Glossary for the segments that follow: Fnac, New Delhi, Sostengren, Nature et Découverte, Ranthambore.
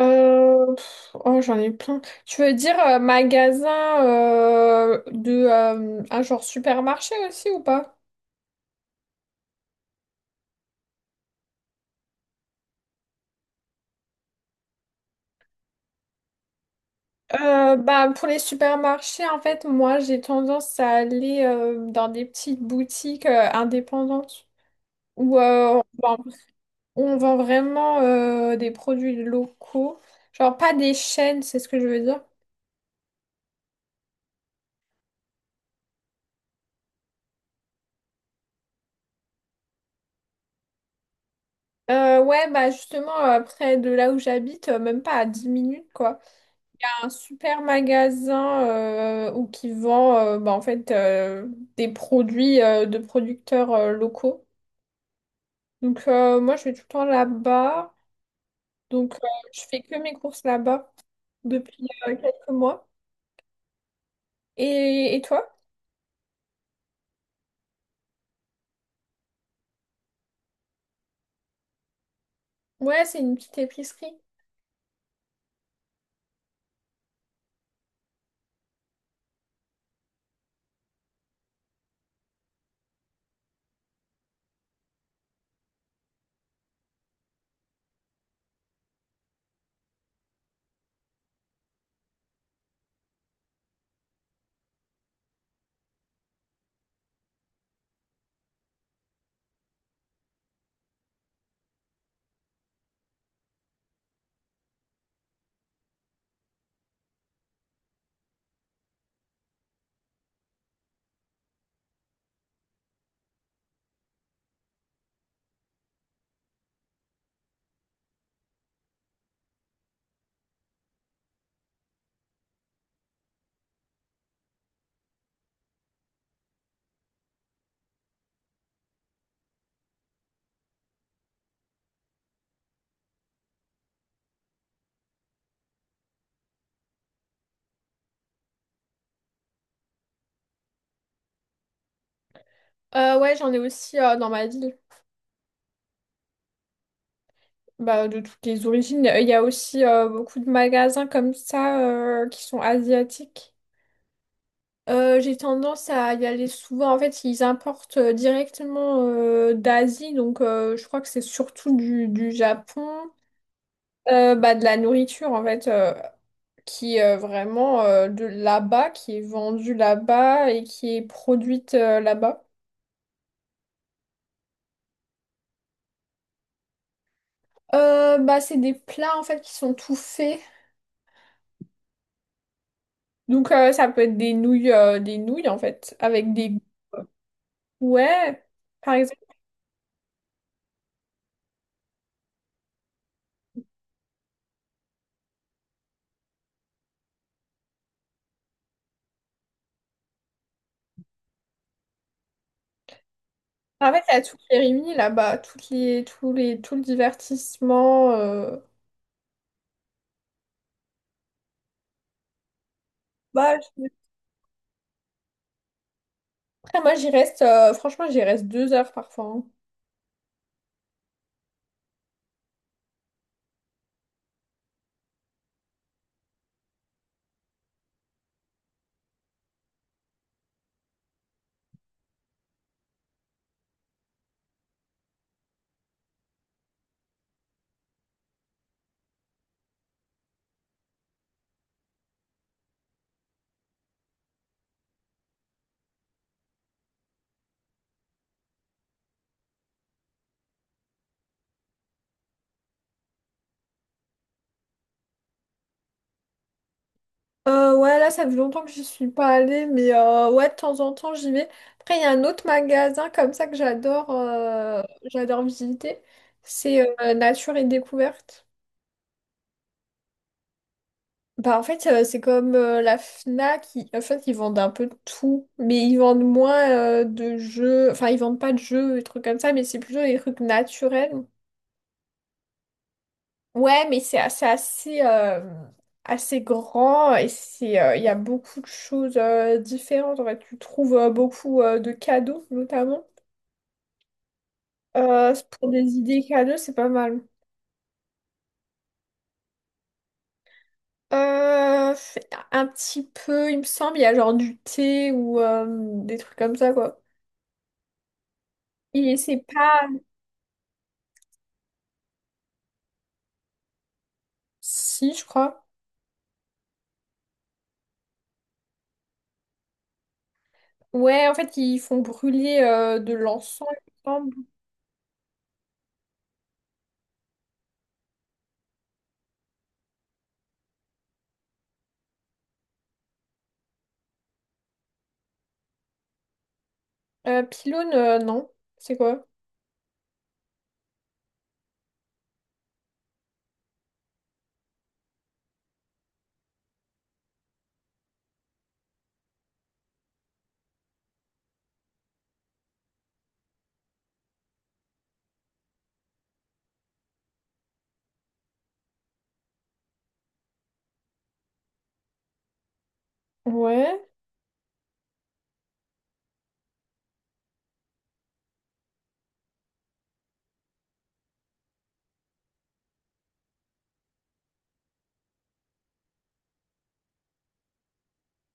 J'en ai plein. Tu veux dire magasin de un genre supermarché aussi ou pas? Pour les supermarchés, en fait, moi, j'ai tendance à aller dans des petites boutiques indépendantes où on vend vraiment des produits locaux. Genre, pas des chaînes, c'est ce que je veux dire. Ouais, bah, justement, près de là où j'habite, même pas à 10 minutes, quoi. Un super magasin où qui vend en fait des produits de producteurs locaux. Moi je vais tout le temps là-bas. Donc euh, je fais que mes courses là-bas depuis quelques mois. Et toi? Ouais, c'est une petite épicerie. Ouais, j'en ai aussi dans ma ville. Bah, de toutes les origines. Il y a aussi beaucoup de magasins comme ça qui sont asiatiques. J'ai tendance à y aller souvent. En fait, ils importent directement d'Asie, donc je crois que c'est surtout du Japon. De la nourriture en fait, qui est vraiment de là-bas, qui est vendue là-bas et qui est produite là-bas. C'est des plats en fait qui sont tout faits. Ça peut être des nouilles, des nouilles en fait, avec des ouais, par exemple. En fait, il y a tout les est là-bas, toutes les, tous les, tout le divertissement. Bah, je- Après, moi, j'y reste, franchement, j'y reste 2 heures parfois, hein. Ouais, là, ça fait longtemps que j'y suis pas allée, mais ouais, de temps en temps, j'y vais. Après, il y a un autre magasin comme ça que j'adore visiter. C'est Nature et Découverte. Bah, en fait, c'est comme la Fnac. En fait, ils vendent un peu de tout, mais ils vendent moins de jeux. Enfin, ils vendent pas de jeux, des trucs comme ça, mais c'est plutôt des trucs naturels. Ouais, mais c'est assez, assez grand et c'est, il y a beaucoup de choses différentes. En fait, tu trouves beaucoup de cadeaux, notamment. Euh, pour des idées cadeaux, c'est pas mal. Euh, un petit peu, il me semble, il y a genre du thé ou des trucs comme ça, quoi. Et c'est pas... Si, je crois. Ouais, en fait, ils font brûler de l'encens, il me semble. Pylône, non. C'est quoi? Ouais.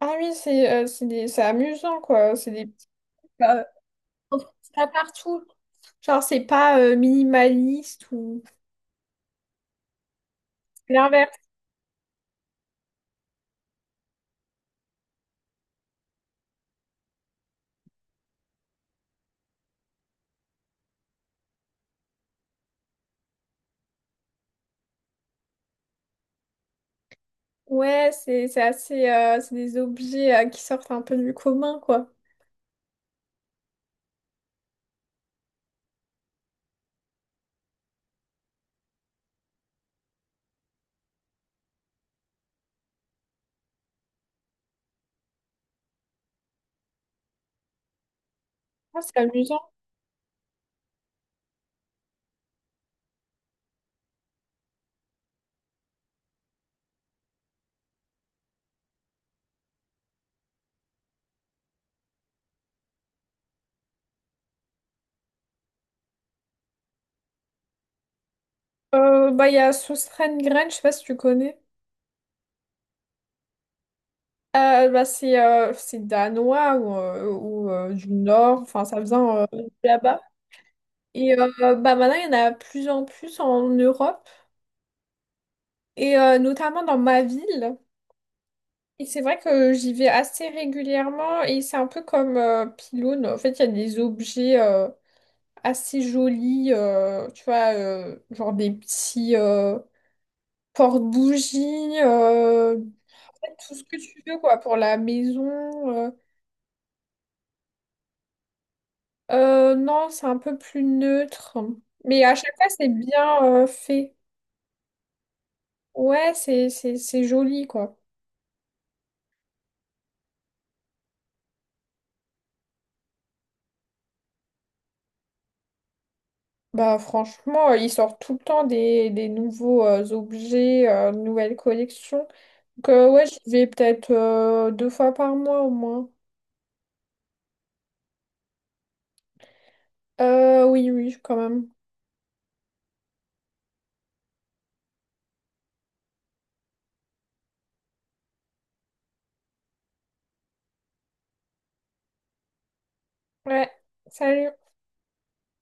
Ah oui, c'est c'est amusant, quoi. C'est des petits pas. On trouve ça partout. Genre, c'est pas minimaliste ou c'est l'inverse. Ouais, c'est assez, c'est des objets qui sortent un peu du commun, quoi. Ah, c'est amusant. Il y a Sostengren, je sais pas si tu connais. C'est danois ou du Nord. Enfin, ça vient de là-bas. Et euh, Maintenant, il y en a plus en plus en Europe. Notamment dans ma ville. Et c'est vrai que j'y vais assez régulièrement et c'est un peu comme Pilone. En fait, il y a des objets assez jolis, tu vois, genre des petits porte-bougies, en fait, tout ce que tu veux, quoi, pour la maison. euh. Non, c'est un peu plus neutre. Mais à chaque fois, c'est bien fait. Ouais, c'est joli, quoi. Bah franchement, ils sortent tout le temps des nouveaux objets, nouvelles collections. Donc, ouais, j'y vais peut-être 2 fois par mois au moins. Oui, oui, quand même. Ouais, salut.